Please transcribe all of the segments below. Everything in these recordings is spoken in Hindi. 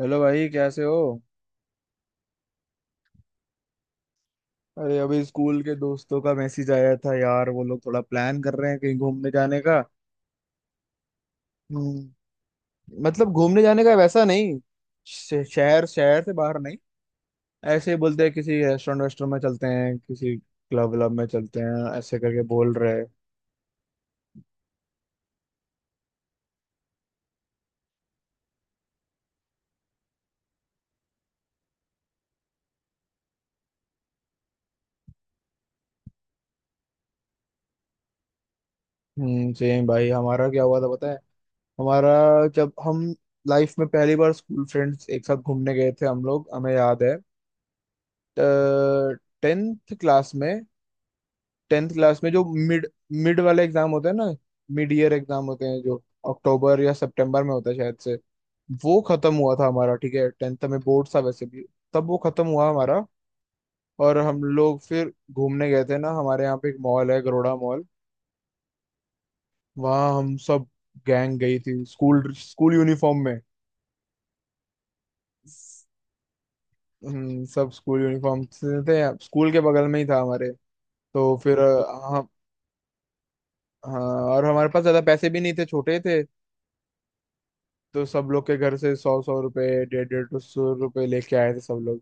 हेलो भाई कैसे हो। अरे अभी स्कूल के दोस्तों का मैसेज आया था यार वो लोग थोड़ा प्लान कर रहे हैं कहीं घूमने जाने का। हम्म, मतलब घूमने जाने का वैसा नहीं। श- शहर शहर से बाहर नहीं। ऐसे ही बोलते हैं किसी रेस्टोरेंट वेस्टोरेंट में चलते हैं किसी क्लब व्लब में चलते हैं ऐसे करके बोल रहे हैं। सेम भाई हमारा क्या हुआ था पता है। हमारा जब हम लाइफ में पहली बार स्कूल फ्रेंड्स एक साथ घूमने गए थे हम लोग हमें याद है। 10th क्लास में। 10th क्लास में जो मिड मिड वाला एग्जाम होता है ना। मिड ईयर एग्जाम होते हैं जो अक्टूबर या सितंबर में होता है शायद से। वो खत्म हुआ था हमारा ठीक है 10th में बोर्ड था वैसे भी। तब वो खत्म हुआ हमारा। और हम लोग फिर घूमने गए थे ना हमारे यहाँ पे एक मॉल है गरोड़ा मॉल। वहाँ हम सब गैंग गई थी स्कूल स्कूल यूनिफॉर्म में। सब स्कूल यूनिफॉर्म से थे। स्कूल के बगल में ही था हमारे। तो फिर हम। हाँ। और हमारे पास ज्यादा पैसे भी नहीं थे छोटे थे। तो सब लोग के घर से 100-100 रुपए 150-150 200 रुपए लेके आए थे सब लोग।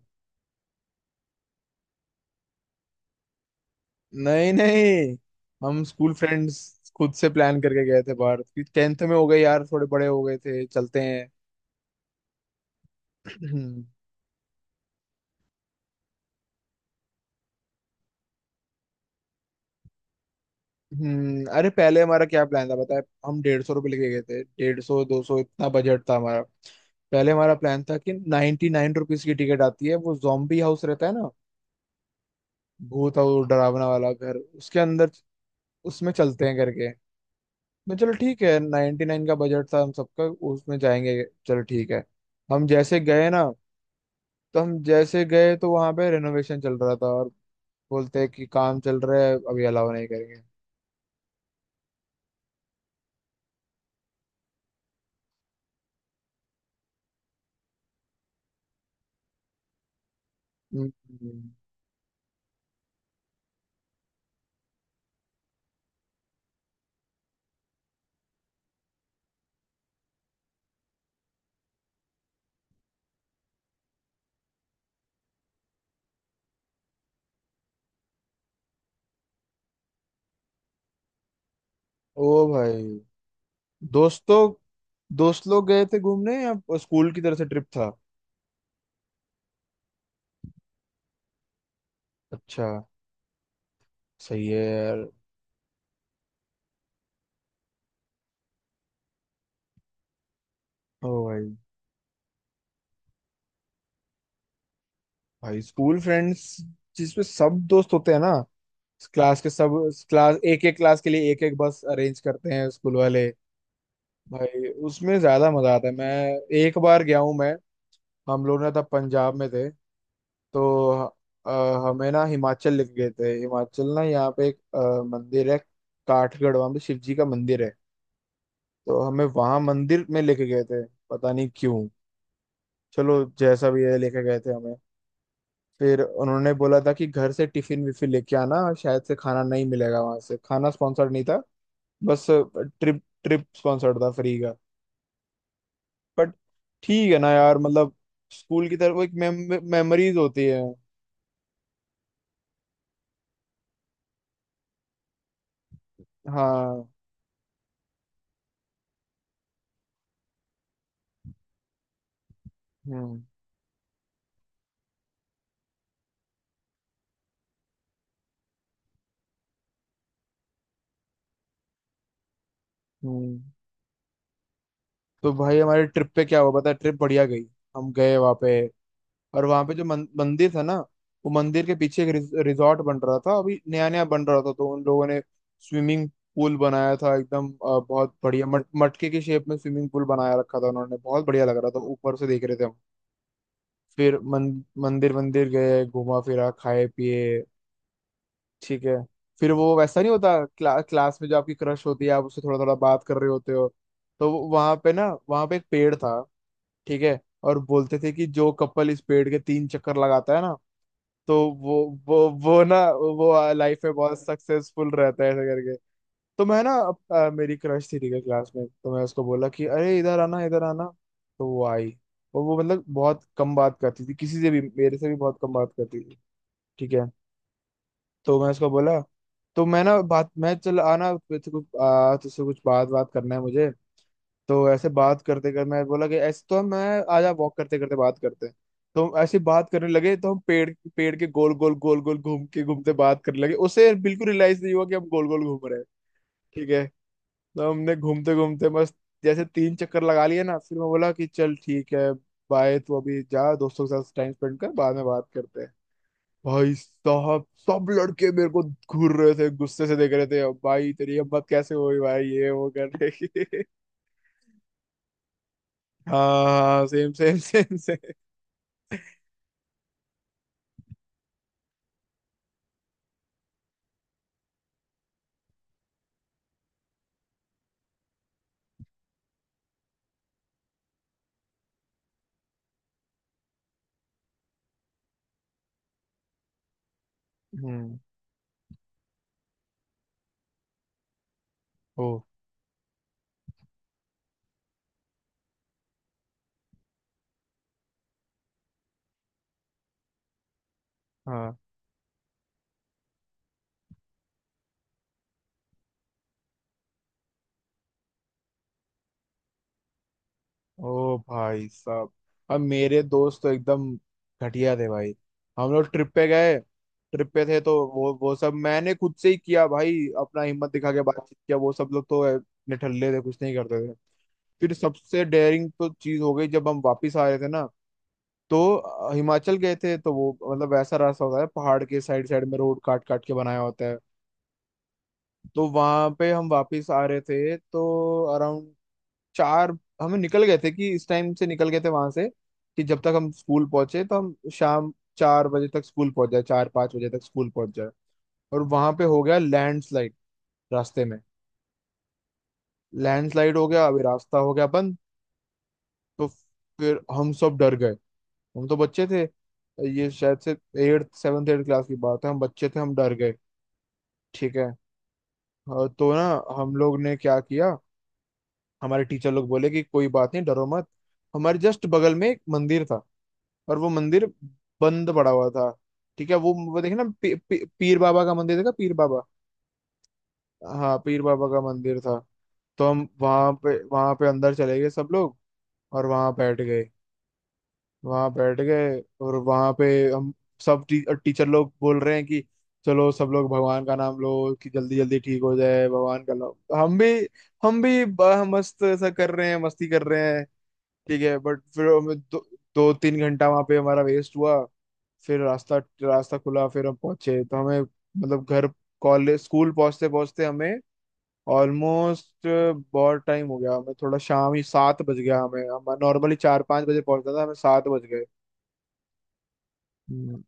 नहीं नहीं हम स्कूल फ्रेंड्स खुद से प्लान करके गए थे बाहर कि टेंथ में हो गए यार थोड़े बड़े हो गए थे चलते हैं। अरे पहले हमारा क्या प्लान था बताए हम 150 रुपये लेके गए थे 150 200 इतना बजट था हमारा। पहले हमारा प्लान था कि 99 रुपीज की टिकट आती है वो जॉम्बी हाउस रहता है ना। भूत और डरावना वाला घर उसके अंदर उसमें चलते हैं करके। मैं चलो ठीक है 99 का बजट था हम सबका। उसमें जाएंगे चलो ठीक है। हम जैसे गए ना तो हम जैसे गए तो वहां पे रेनोवेशन चल रहा था और बोलते हैं कि काम चल रहा है अभी अलाउ नहीं करेंगे। हम्म, ओ भाई। दोस्तों दोस्त लोग गए थे घूमने या स्कूल की तरफ से ट्रिप था। अच्छा। सही है यार। ओ भाई। भाई स्कूल फ्रेंड्स जिसमें सब दोस्त होते हैं ना। क्लास के सब। क्लास एक एक क्लास के लिए एक एक बस अरेंज करते हैं स्कूल वाले। भाई उसमें ज्यादा मजा आता है मैं। एक बार गया हूँ मैं। हम लोग ना तब पंजाब में थे। तो अ, हमें ना हिमाचल लेके गए थे। हिमाचल ना यहाँ पे एक मंदिर है। काठगढ़ वहाँ पे शिव जी का मंदिर है। तो हमें वहाँ मंदिर में लेके गए थे। पता नहीं क्यों। चलो जैसा भी है लेके गए थे हमें। फिर उन्होंने बोला था कि घर से टिफिन विफिन लेके आना शायद से खाना नहीं मिलेगा वहां से खाना स्पॉन्सर्ड नहीं था। बस। ट्रिप ट्रिप स्पॉन्सर्ड था फ्री का। बट ठीक है ना यार मतलब। स्कूल की तरफ एक मेमोरीज होती है। हाँ। हम्म हम्म। तो भाई हमारे ट्रिप पे क्या हुआ पता है ट्रिप बढ़िया गई। हम गए वहाँ पे और वहाँ पे जो मंदिर था ना। वो मंदिर के पीछे एक रिजॉर्ट बन रहा था अभी नया नया बन रहा था तो उन लोगों ने स्विमिंग पूल बनाया था एकदम बहुत बढ़िया मटके की शेप में स्विमिंग पूल बनाया रखा था उन्होंने बहुत बढ़िया लग रहा था ऊपर से देख रहे थे हम। फिर मन, मंदिर मंदिर गए घूमा फिरा खाए पिए। ठीक है। फिर वो वैसा नहीं होता क्लास में जो आपकी क्रश होती है आप उससे थोड़ा थोड़ा बात कर रहे होते हो। तो वहां पे ना वहां पे एक पेड़ था। ठीक है। और बोलते थे कि जो कपल इस पेड़ के 3 चक्कर लगाता है ना। तो वो वो वो लाइफ में बहुत सक्सेसफुल रहता है ऐसा करके। तो मैं ना मेरी क्रश थी ठीक है क्लास में तो मैं उसको बोला कि अरे इधर आना इधर आना। तो वो आई। और वो मतलब बहुत कम बात करती थी किसी से भी मेरे से भी बहुत कम बात करती थी। ठीक है। तो मैं उसको बोला। तो मैं ना बात मैं चल आना तुझसे कुछ तुझसे कुछ बात बात करना है मुझे। तो ऐसे बात करते कर मैं बोला कि ऐसे तो मैं आज वॉक करते करते बात करते हैं। तो हम ऐसे बात करने लगे तो हम पेड़ पेड़ के गोल गोल गोल गोल घूम के घूमते बात करने लगे उसे बिल्कुल रियलाइज नहीं हुआ कि हम गोल गोल घूम रहे हैं। ठीक है। तो हमने घूमते घूमते मस्त जैसे 3 चक्कर लगा लिए ना फिर मैं बोला कि चल ठीक है। बाय तू अभी जा दोस्तों के साथ टाइम स्पेंड कर बाद में बात करते हैं। भाई साहब सब लड़के मेरे को घूर रहे थे गुस्से से देख रहे थे अब भाई तेरी हिम्मत कैसे हुई भाई ये वो करने की। हाँ सेम सेम सेम सेम। हम्म। ओ। हाँ। ओ भाई साहब। अब मेरे दोस्त तो एकदम घटिया थे भाई। हम लोग ट्रिप पे गए। ट्रिप पे थे तो वो सब मैंने खुद से ही किया भाई अपना हिम्मत दिखा के बातचीत किया वो सब लोग तो निठल्ले थे कुछ नहीं करते थे। फिर सबसे डेयरिंग तो चीज हो गई जब हम वापस आ रहे थे ना। तो हिमाचल गए थे तो वो मतलब वैसा रास्ता होता है पहाड़ के साइड साइड में रोड काट काट के बनाया होता है। तो वहां पे हम वापस आ रहे थे तो अराउंड 4 हमें निकल गए थे कि इस टाइम से निकल गए थे वहां से कि जब तक हम स्कूल पहुंचे तो हम शाम 4 बजे तक स्कूल पहुंच जाए 4-5 बजे तक स्कूल पहुंच जाए। और वहां पे हो गया लैंडस्लाइड रास्ते में। लैंडस्लाइड हो गया अभी रास्ता हो गया बंद। तो फिर हम सब डर गए। हम तो बच्चे थे ये शायद से 8th 7th एट क्लास की बात है हम बच्चे थे हम डर गए। ठीक है। हाँ, तो ना हम लोग ने क्या किया हमारे टीचर लोग बोले कि कोई बात नहीं डरो मत। हमारे जस्ट बगल में एक मंदिर था और वो मंदिर बंद पड़ा हुआ था। ठीक है वो देखे ना पी, पी, पीर बाबा का मंदिर देखा पीर बाबा। हाँ पीर बाबा का मंदिर था। तो हम वहां पे अंदर चले गए सब लोग। और वहां बैठ गए। वहां बैठ गए और वहां पे हम सब टीचर लोग बोल रहे हैं कि चलो सब लोग भगवान का नाम लो। कि जल्दी जल्दी ठीक हो जाए भगवान का नाम हम भी मस्त ऐसा कर रहे हैं मस्ती कर रहे हैं। ठीक है बट फिर हमें 2-3 घंटा वहां पे हमारा वेस्ट हुआ। फिर रास्ता रास्ता खुला फिर हम पहुंचे तो हमें मतलब घर कॉलेज स्कूल पहुंचते पहुंचते हमें ऑलमोस्ट बहुत टाइम हो गया हमें थोड़ा शाम ही 7 बज गया हमें हम नॉर्मली 4-5 बजे पहुंचता था हमें 7 बज गए।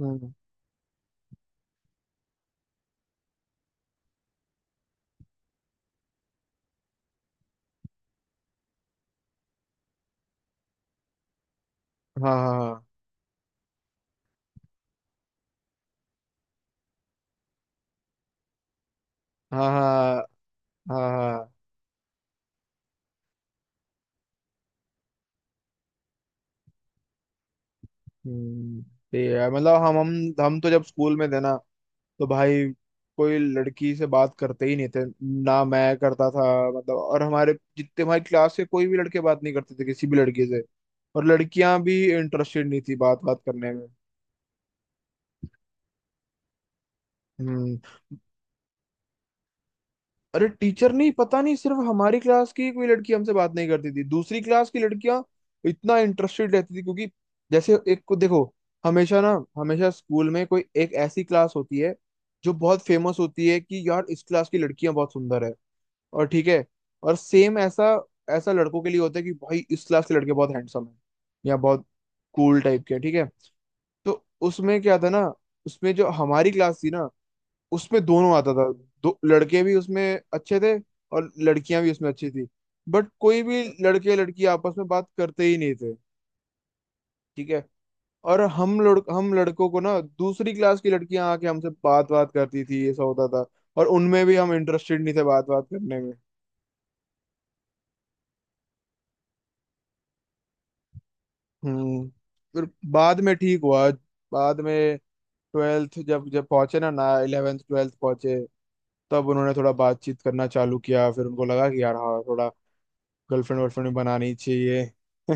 हम्म, हाँ हाँ हाँ हाँ हाँ हाँ, हाँ। हम्म। ठीक है मतलब हम तो जब स्कूल में थे ना। तो भाई कोई लड़की से बात करते ही नहीं थे। ना मैं करता था। मतलब और हमारे जितने हमारी क्लास के कोई भी लड़के बात नहीं करते थे किसी भी लड़के से। और लड़कियां भी इंटरेस्टेड नहीं थी बात बात करने में। हम्म। अरे टीचर नहीं पता नहीं सिर्फ हमारी क्लास की कोई लड़की हमसे बात नहीं करती थी दूसरी क्लास की लड़कियां इतना इंटरेस्टेड रहती थी क्योंकि जैसे एक को देखो हमेशा ना हमेशा स्कूल में कोई एक ऐसी क्लास होती है जो बहुत फेमस होती है कि यार इस क्लास की लड़कियां बहुत सुंदर है। और ठीक है। और सेम ऐसा ऐसा लड़कों के लिए होता है कि भाई इस क्लास के लड़के बहुत हैंडसम है या बहुत कूल टाइप के हैं, ठीक है। तो उसमें क्या था ना उसमें जो हमारी क्लास थी ना उसमें दोनों आता था दो लड़के भी उसमें अच्छे थे और लड़कियां भी उसमें अच्छी थी। बट कोई भी लड़के लड़की आपस में बात करते ही नहीं थे। ठीक है। और हम लड़कों को ना दूसरी क्लास की लड़कियां आके हमसे बात बात करती थी ऐसा होता था। और उनमें भी हम इंटरेस्टेड नहीं थे बात बात करने में। हम्म फिर बाद में ठीक हुआ। बाद में 12th जब जब पहुंचे ना ना 11th 12th पहुंचे। तब उन्होंने थोड़ा बातचीत करना चालू किया फिर उनको लगा कि यार हाँ थोड़ा गर्लफ्रेंड वर्लफ्रेंड बनानी चाहिए।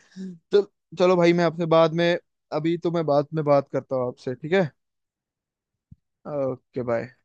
चल चलो भाई मैं आपसे बाद में। अभी तो मैं बाद में बात करता हूँ आपसे ठीक है। Okay bye.